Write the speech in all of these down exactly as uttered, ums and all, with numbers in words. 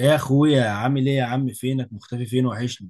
ايه يا اخويا عامل ايه يا عم؟ فينك مختفي؟ فين وحشني.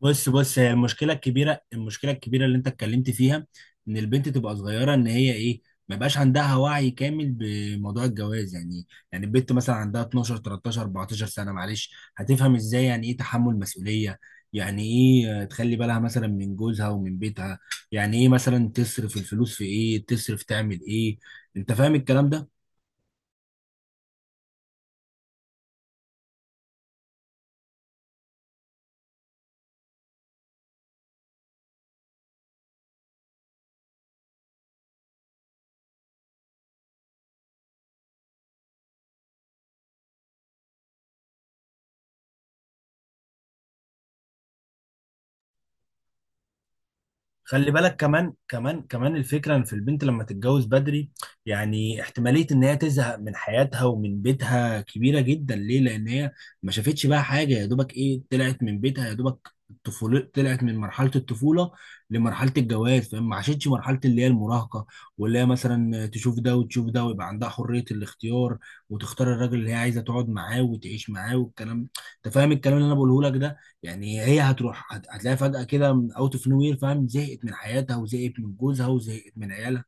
بص بص هي المشكله الكبيره، المشكله الكبيره اللي انت اتكلمت فيها، ان البنت تبقى صغيره، ان هي ايه، ما يبقاش عندها وعي كامل بموضوع الجواز. يعني يعني البنت مثلا عندها اتناشر تلتاشر اربعتاشر سنه، معلش، هتفهم ازاي يعني ايه تحمل مسؤوليه؟ يعني ايه آه، تخلي بالها مثلا من جوزها ومن بيتها، يعني ايه مثلا تصرف الفلوس في ايه، تصرف تعمل ايه؟ انت فاهم الكلام ده؟ خلي بالك كمان كمان كمان الفكرة ان في البنت لما تتجوز بدري، يعني احتمالية ان هي تزهق من حياتها ومن بيتها كبيرة جدا. ليه؟ لان هي ما شافتش بقى حاجة، يا دوبك ايه طلعت من بيتها، يا دوبك الطفولة، طلعت من مرحلة الطفولة لمرحلة الجواز، فما عاشتش مرحلة اللي هي المراهقة، واللي هي مثلا تشوف ده وتشوف ده ويبقى عندها حرية الاختيار، وتختار الراجل اللي هي عايزة تقعد معاه وتعيش معاه والكلام. انت فاهم الكلام اللي انا بقوله لك ده؟ يعني هي هتروح هت- هتلاقيها فجأة كده من اوت اوف نو وير، فاهم، زهقت من حياتها وزهقت من جوزها وزهقت من عيالها.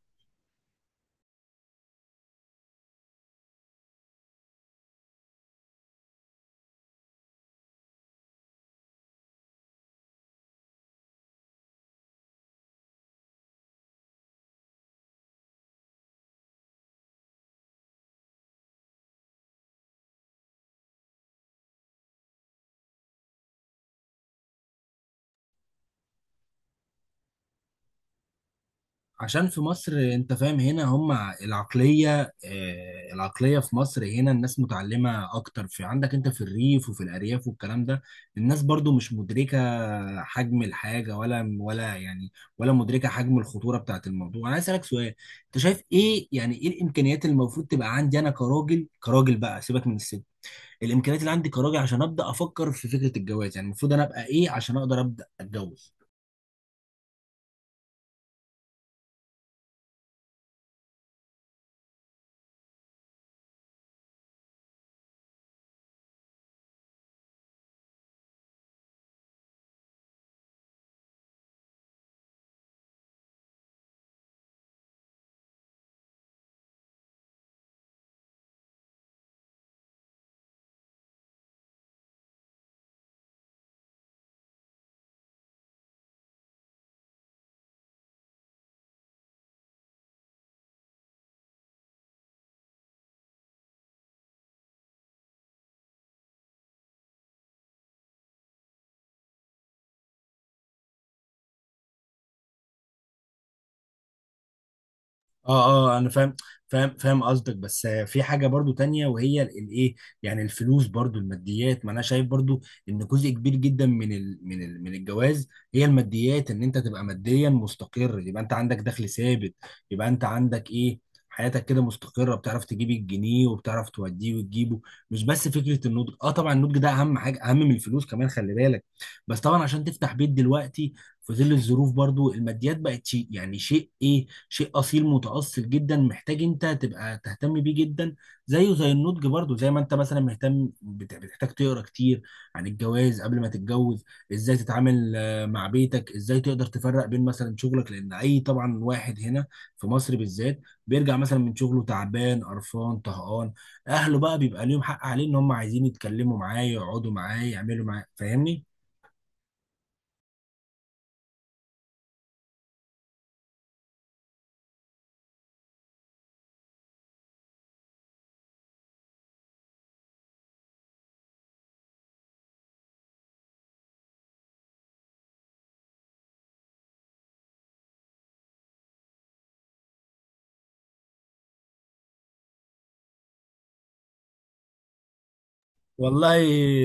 عشان في مصر، انت فاهم، هنا هم العقلية، آه، العقلية في مصر هنا الناس متعلمة اكتر، في عندك انت في الريف وفي الارياف والكلام ده الناس برضو مش مدركة حجم الحاجة، ولا ولا يعني ولا مدركة حجم الخطورة بتاعت الموضوع. انا عايز اسألك سؤال، انت شايف ايه يعني ايه الامكانيات اللي المفروض تبقى عندي انا كراجل؟ كراجل بقى، سيبك من الست، الامكانيات اللي عندي كراجل عشان ابدا افكر في فكره الجواز، يعني المفروض انا ابقى ايه عشان اقدر ابدا اتجوز؟ اه اه انا فاهم، فاهم فاهم قصدك، بس آه، في حاجه برضو تانية، وهي ال- الايه، يعني الفلوس برضو، الماديات، ما انا شايف برضو ان جزء كبير جدا من ال من ال من الجواز هي الماديات. ان انت تبقى ماديا مستقر، يبقى انت عندك دخل ثابت، يبقى انت عندك ايه، حياتك كده مستقره، بتعرف تجيب الجنيه وبتعرف توديه وتجيبه، مش بس فكره النضج. اه طبعا النضج ده اهم حاجه، اهم من الفلوس كمان، خلي بالك. بس طبعا عشان تفتح بيت دلوقتي في ظل الظروف، برضو الماديات بقت شيء، يعني شيء ايه، شيء اصيل متأصل جدا، محتاج انت تبقى تهتم بيه جدا، زيه زي النضج. برضو زي ما انت مثلا مهتم بت- بتحتاج تقرا كتير عن الجواز قبل ما تتجوز، ازاي تتعامل آه، مع بيتك، ازاي تقدر تفرق بين مثلا شغلك، لان اي طبعا واحد هنا في مصر بالذات بيرجع مثلا من شغله تعبان قرفان طهقان، اهله بقى بيبقى ليهم حق عليه ان هم عايزين يتكلموا معاه، يقعدوا معاه، يعملوا معاه، فاهمني؟ والله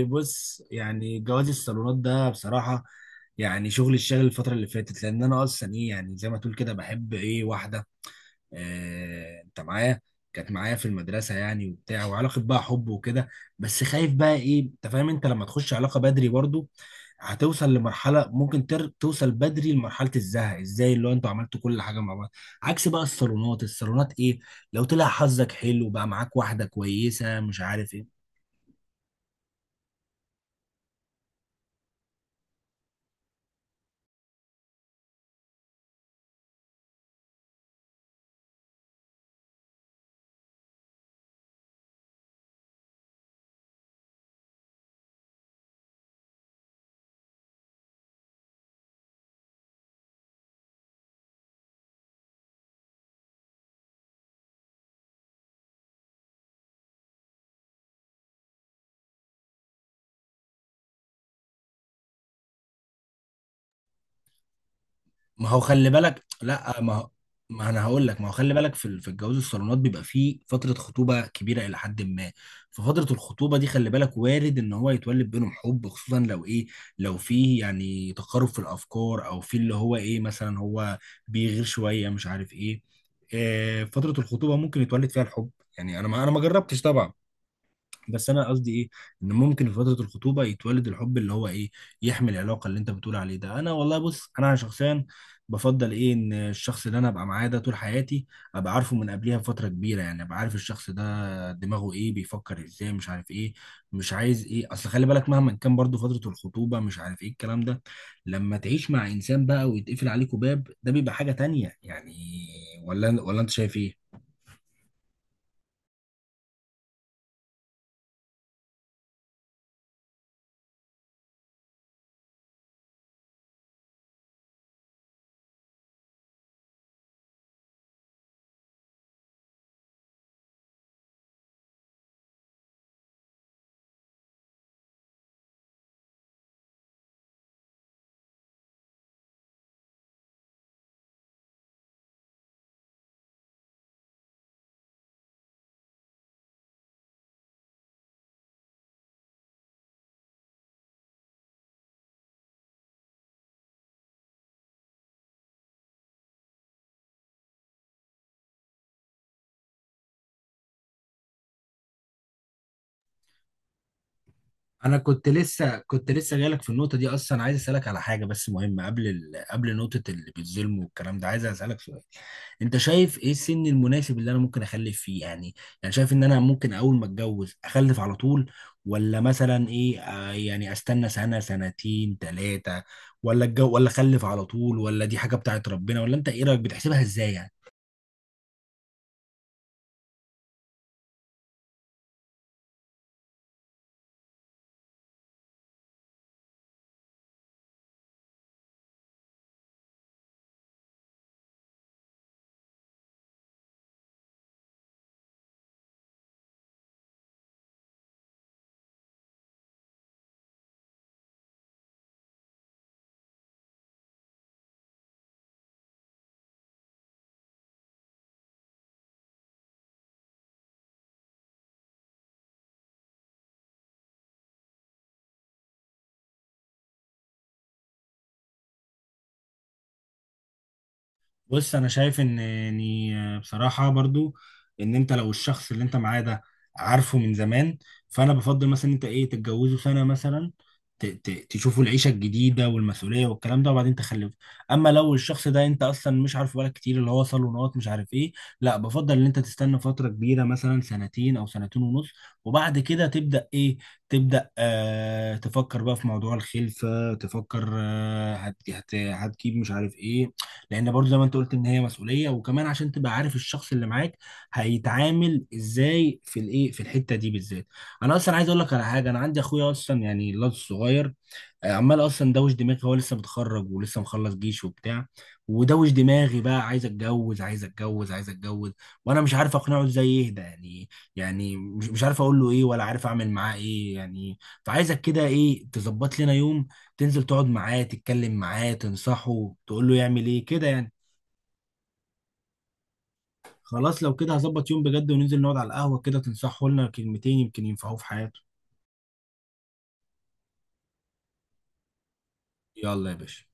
بص، يعني جواز الصالونات ده بصراحة يعني شغل الشغل الفترة اللي فاتت، لأن أنا أصلا إيه يعني زي ما تقول كده بحب إيه واحدة، آه أنت معايا، كانت معايا في المدرسة يعني وبتاع، وعلاقة بقى حب وكده. بس خايف بقى إيه، أنت فاهم، أنت لما تخش علاقة بدري برضو هتوصل لمرحلة ممكن تر... توصل بدري لمرحلة الزهق، ازاي، اللي هو انتوا عملتوا كل حاجة مع بعض. عكس بقى الصالونات، الصالونات ايه، لو طلع حظك حلو بقى معاك واحدة كويسة، مش عارف ايه. ما هو خلي بالك، لا ما هو، ما انا هقول لك، ما هو خلي بالك في ال- في الجواز الصالونات بيبقى فيه فتره خطوبه كبيره الى حد ما، ففتره الخطوبه دي خلي بالك وارد ان هو يتولد بينهم حب، خصوصا لو ايه، لو فيه يعني تقارب في الافكار او في اللي هو ايه، مثلا هو بيغير شويه، مش عارف ايه. آه، فتره الخطوبه ممكن يتولد فيها الحب، يعني انا ما انا ما جربتش طبعا، بس انا قصدي ايه، ان ممكن في فتره الخطوبه يتولد الحب اللي هو ايه، يحمل العلاقه اللي انت بتقول عليه ده. انا والله بص، انا شخصيا بفضل ايه، ان الشخص اللي انا ابقى معاه ده طول حياتي ابقى عارفه من قبلها بفتره كبيره، يعني ابقى عارف الشخص ده دماغه ايه، بيفكر ازاي، مش عارف ايه، مش عايز ايه، اصل خلي بالك مهما كان برضو فتره الخطوبه مش عارف ايه الكلام ده، لما تعيش مع انسان بقى ويتقفل عليكوا باب، ده بيبقى حاجه تانية يعني. ولا ولا انت شايف ايه؟ انا كنت لسه كنت لسه جايلك في النقطه دي اصلا، عايز اسالك على حاجه بس مهمه قبل ال... قبل نقطه اللي بيتظلموا والكلام ده، عايز اسالك سؤال، انت شايف ايه السن المناسب اللي انا ممكن اخلف فيه يعني؟ يعني شايف ان انا ممكن اول ما اتجوز اخلف على طول، ولا مثلا ايه آه يعني استنى سنه سنتين ثلاثه؟ ولا الجو ولا اخلف على طول، ولا دي حاجه بتاعت ربنا، ولا انت ايه رايك، بتحسبها ازاي يعني؟ بص انا شايف ان يعني بصراحه برضو ان انت لو الشخص اللي انت معاه ده عارفه من زمان، فانا بفضل مثلا انت ايه تتجوزه سنه مثلا، ت- ت- تشوفوا العيشه الجديده والمسؤوليه والكلام ده، وبعدين تخلفه. اما لو الشخص ده انت اصلا مش عارفه بقالك كتير، اللي هو صالونات مش عارف ايه، لا بفضل ان انت تستنى فتره كبيره، مثلا سنتين او سنتين ونص، وبعد كده تبدا ايه، تبدا آه تفكر بقى في موضوع الخلفه، تفكر آه هت هت هتجيب مش عارف ايه. لان برضو زي ما انت قلت ان هي مسؤوليه، وكمان عشان تبقى عارف الشخص اللي معاك هيتعامل ازاي في الايه، في الحته دي بالذات. انا اصلا عايز اقول لك على حاجه، انا عندي اخويا اصلا، يعني الواد الصغير، آه، عمال اصلا دوش دماغي، هو لسه متخرج ولسه مخلص جيش وبتاع، ودوش دماغي بقى، عايز اتجوز عايز اتجوز عايز اتجوز، وانا مش عارف اقنعه ازاي يهدى يعني، يعني مش مش عارف اقول له ايه، ولا عارف اعمل معاه ايه يعني. فعايزك كده ايه، تظبط لنا يوم، تنزل تقعد معاه، تتكلم معاه، تنصحه، تقول له يعمل ايه كده يعني. خلاص لو كده هظبط يوم بجد، وننزل نقعد على القهوة كده، تنصحه لنا كلمتين يمكن ينفعوه في حياته. يلا يا باشا.